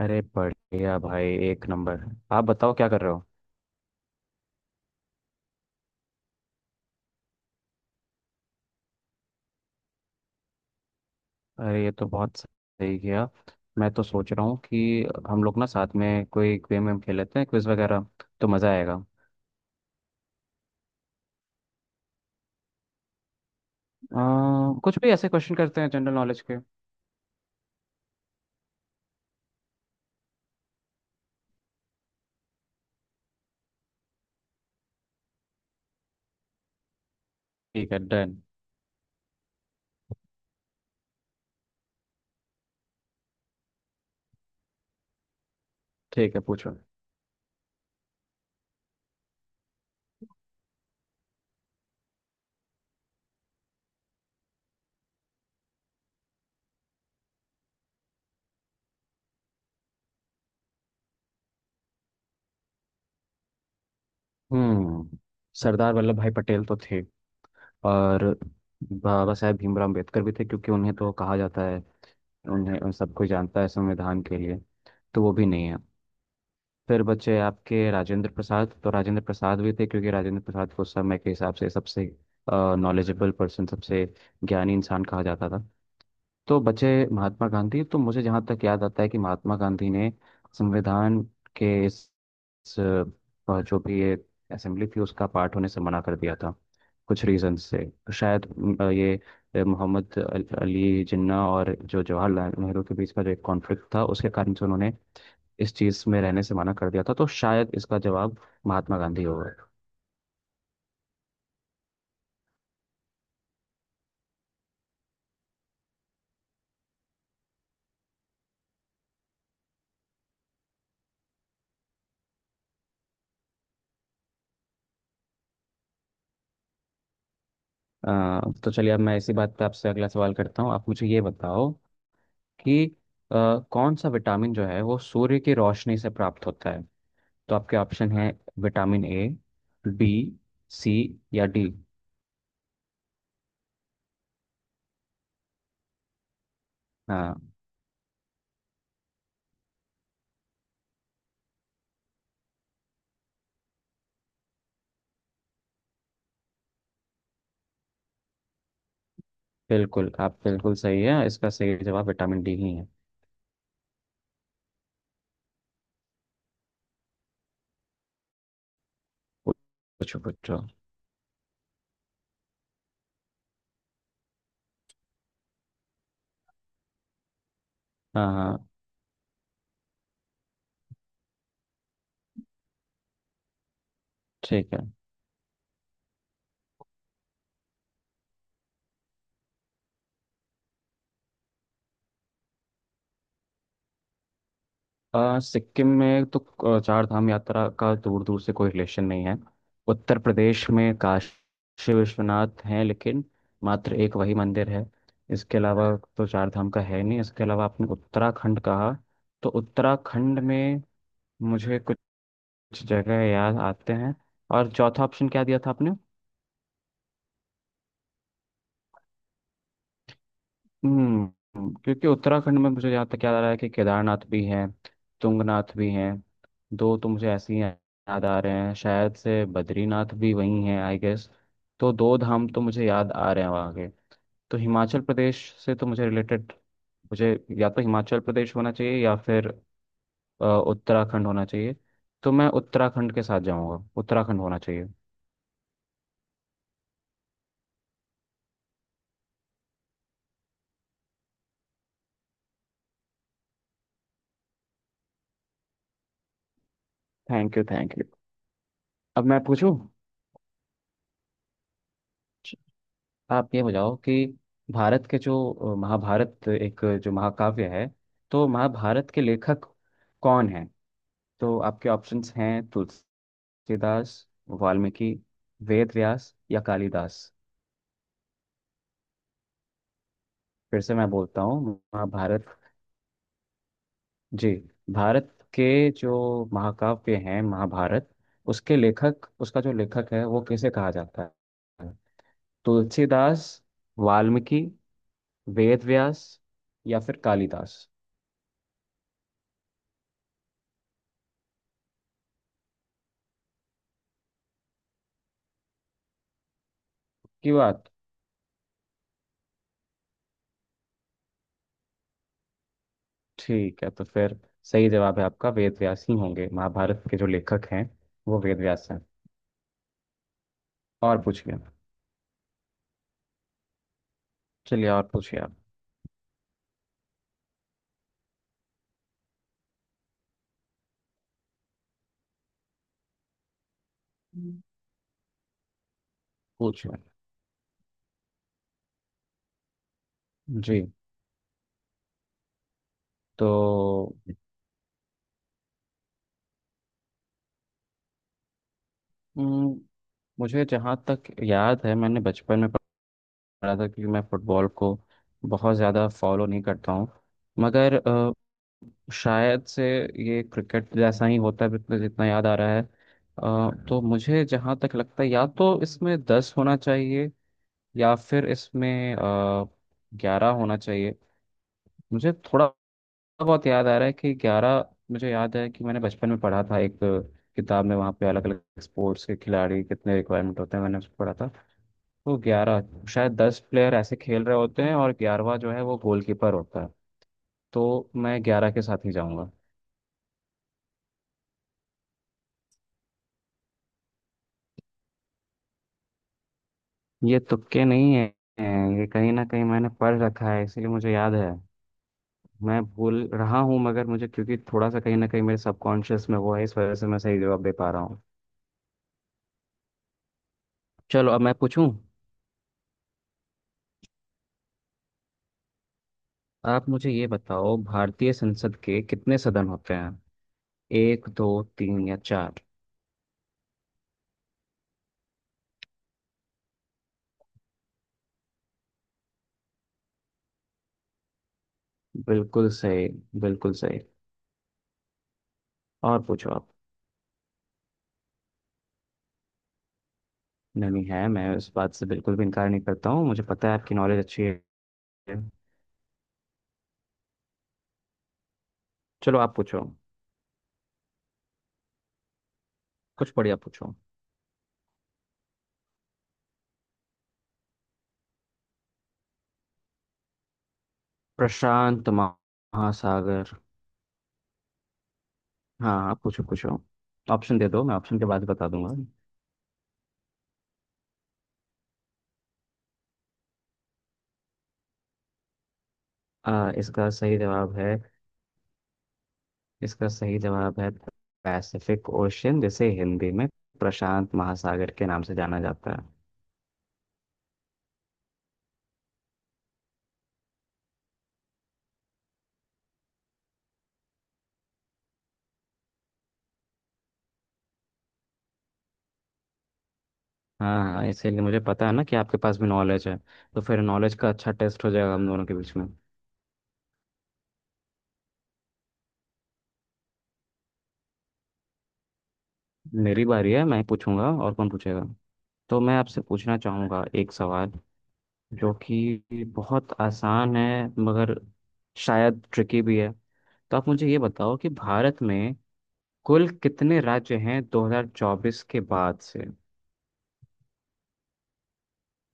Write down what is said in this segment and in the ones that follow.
अरे बढ़िया भाई, एक नंबर। आप बताओ क्या कर रहे हो? अरे ये तो बहुत सही किया। मैं तो सोच रहा हूँ कि हम लोग ना साथ में कोई गेम वेम खेल लेते हैं, क्विज वगैरह, तो मज़ा आएगा। कुछ भी ऐसे क्वेश्चन करते हैं जनरल नॉलेज के। ठीक है, डन। ठीक है, पूछो। हम्म। सरदार वल्लभ भाई पटेल तो थे, और बाबा साहेब भीमराव अम्बेडकर भी थे, क्योंकि उन्हें तो कहा जाता है, उन्हें उन सबको जानता है संविधान के लिए। तो वो भी नहीं है। फिर बचे आपके राजेंद्र प्रसाद, तो राजेंद्र प्रसाद भी थे क्योंकि राजेंद्र प्रसाद को उस समय के हिसाब से सबसे नॉलेजेबल पर्सन, सबसे ज्ञानी इंसान कहा जाता था। तो बचे महात्मा गांधी। तो मुझे जहाँ तक याद आता है कि महात्मा गांधी ने संविधान के इस, जो भी ये असेंबली थी, उसका पार्ट होने से मना कर दिया था, कुछ रीजन से। शायद ये मोहम्मद अली जिन्ना और जो जवाहरलाल नेहरू के बीच का जो एक कॉन्फ्लिक्ट था, उसके कारण से उन्होंने इस चीज़ में रहने से मना कर दिया था। तो शायद इसका जवाब महात्मा गांधी होगा। तो चलिए अब मैं इसी बात पे आपसे अगला सवाल करता हूँ। आप मुझे ये बताओ कि अ, कौन सा विटामिन जो है वो सूर्य की रोशनी से प्राप्त होता है। तो आपके ऑप्शन है विटामिन ए, बी, सी या डी। हाँ। बिल्कुल, आप बिल्कुल सही है। इसका सही जवाब विटामिन डी ही है। पूछो पूछो। हाँ हाँ। ठीक है। सिक्किम में तो चार धाम यात्रा का दूर दूर से कोई रिलेशन नहीं है। उत्तर प्रदेश में काशी विश्वनाथ हैं लेकिन मात्र एक वही मंदिर है, इसके अलावा तो चार धाम का है नहीं। इसके अलावा आपने उत्तराखंड कहा, तो उत्तराखंड में मुझे कुछ जगह याद आते हैं। और चौथा ऑप्शन क्या दिया था आपने? हम्म, क्योंकि उत्तराखंड में मुझे जहाँ तक याद आ रहा है कि केदारनाथ भी हैं, तुंगनाथ भी हैं। दो तो मुझे ऐसे ही याद आ रहे हैं, शायद से बद्रीनाथ भी वहीं हैं आई गेस। तो दो धाम तो मुझे याद आ रहे हैं वहाँ के। तो हिमाचल प्रदेश से तो मुझे रिलेटेड मुझे, या तो हिमाचल प्रदेश होना चाहिए या फिर उत्तराखंड होना चाहिए। तो मैं उत्तराखंड के साथ जाऊँगा, उत्तराखंड होना चाहिए। Thank you thank you. अब मैं पूछूं। आप ये बताओ कि भारत के जो महाभारत, एक जो महाकाव्य है, तो महाभारत के लेखक कौन हैं? तो आपके ऑप्शंस हैं तुलसीदास, वाल्मीकि, वेद व्यास या कालिदास। फिर से मैं बोलता हूँ, महाभारत। जी, भारत के जो महाकाव्य हैं, महाभारत, उसके लेखक, उसका जो लेखक है वो किसे कहा जाता है? तुलसीदास, वाल्मीकि, वेद व्यास या फिर कालिदास। की बात। ठीक है, तो फिर सही जवाब है आपका। वेद व्यास ही होंगे महाभारत के जो लेखक हैं, वो वेद व्यास हैं। और पूछिए, चलिए और पूछिए आप। हम्म। पूछिए। जी। तो हम्म, मुझे जहाँ तक याद है मैंने बचपन में पढ़ा था, क्योंकि मैं फुटबॉल को बहुत ज़्यादा फॉलो नहीं करता हूँ, मगर शायद से ये क्रिकेट जैसा ही होता है जितना जितना याद आ रहा है। तो मुझे जहाँ तक लगता है, या तो इसमें 10 होना चाहिए या फिर इसमें 11 होना चाहिए। मुझे थोड़ा बहुत याद आ रहा है कि 11। मुझे याद है कि मैंने बचपन में पढ़ा था एक किताब में, वहाँ पे अलग अलग स्पोर्ट्स के खिलाड़ी कितने रिक्वायरमेंट होते हैं, मैंने उसको पढ़ा था। तो 11, शायद 10 प्लेयर ऐसे खेल रहे होते हैं और ग्यारहवा जो है वो गोलकीपर होता है। तो मैं 11 के साथ ही जाऊंगा। ये तुक्के नहीं है। ये कहीं ना कहीं मैंने पढ़ रखा है इसीलिए मुझे याद है। मैं भूल रहा हूँ मगर मुझे क्योंकि थोड़ा सा कहीं ना कहीं मेरे सबकॉन्शियस में वो है, इस वजह से मैं सही जवाब दे पा रहा हूँ। चलो अब मैं पूछूं। आप मुझे ये बताओ, भारतीय संसद के कितने सदन होते हैं? एक, दो, तीन या चार? बिल्कुल सही, बिल्कुल सही। और पूछो आप। नहीं है, मैं इस बात से बिल्कुल भी इनकार नहीं करता हूँ, मुझे पता है आपकी नॉलेज अच्छी है। चलो आप पूछो, कुछ बढ़िया पूछो। प्रशांत महासागर। हाँ आप पूछो पूछो। ऑप्शन दे दो, मैं ऑप्शन के बाद बता दूंगा। इसका सही जवाब है, इसका सही जवाब है पैसिफिक ओशियन, जिसे हिंदी में प्रशांत महासागर के नाम से जाना जाता है। हाँ हाँ, इसीलिए मुझे पता है ना कि आपके पास भी नॉलेज है, तो फिर नॉलेज का अच्छा टेस्ट हो जाएगा हम दोनों के बीच में। मेरी बारी है, मैं पूछूंगा और कौन पूछेगा। तो मैं आपसे पूछना चाहूंगा एक सवाल जो कि बहुत आसान है मगर शायद ट्रिकी भी है। तो आप मुझे ये बताओ कि भारत में कुल कितने राज्य हैं 2024 के बाद से?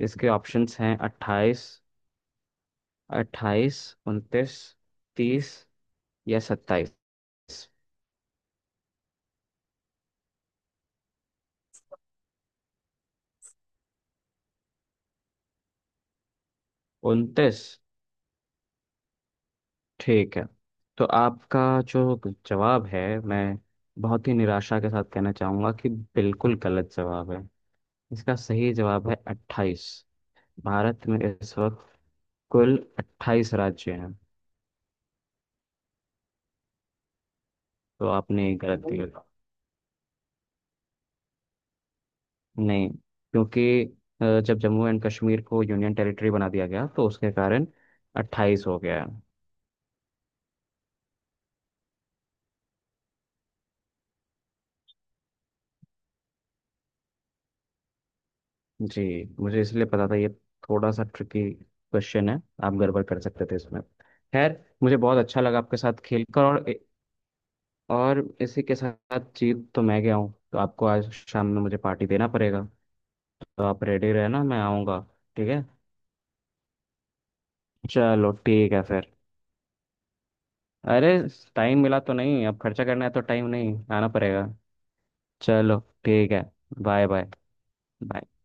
इसके ऑप्शंस हैं 28, 28, 29, 30 या 27। 29? ठीक है। तो आपका जो जवाब है, मैं बहुत ही निराशा के साथ कहना चाहूँगा कि बिल्कुल गलत जवाब है। इसका सही जवाब है 28। भारत में इस वक्त कुल 28 राज्य हैं। तो आपने गलत दिया। नहीं, क्योंकि जब जम्मू एंड कश्मीर को यूनियन टेरिटरी बना दिया गया, तो उसके कारण 28 हो गया है। जी, मुझे इसलिए पता था ये थोड़ा सा ट्रिकी क्वेश्चन है, आप गड़बड़ कर सकते थे इसमें। खैर, मुझे बहुत अच्छा लगा आपके साथ खेलकर। और इसी के साथ जीत तो मैं गया हूँ, तो आपको आज शाम में मुझे पार्टी देना पड़ेगा। तो आप रेडी रहना, मैं आऊँगा। ठीक है। चलो ठीक है फिर। अरे, टाइम मिला तो नहीं, अब खर्चा करना है तो टाइम नहीं आना पड़ेगा। चलो, ठीक है। Bye bye. बाय।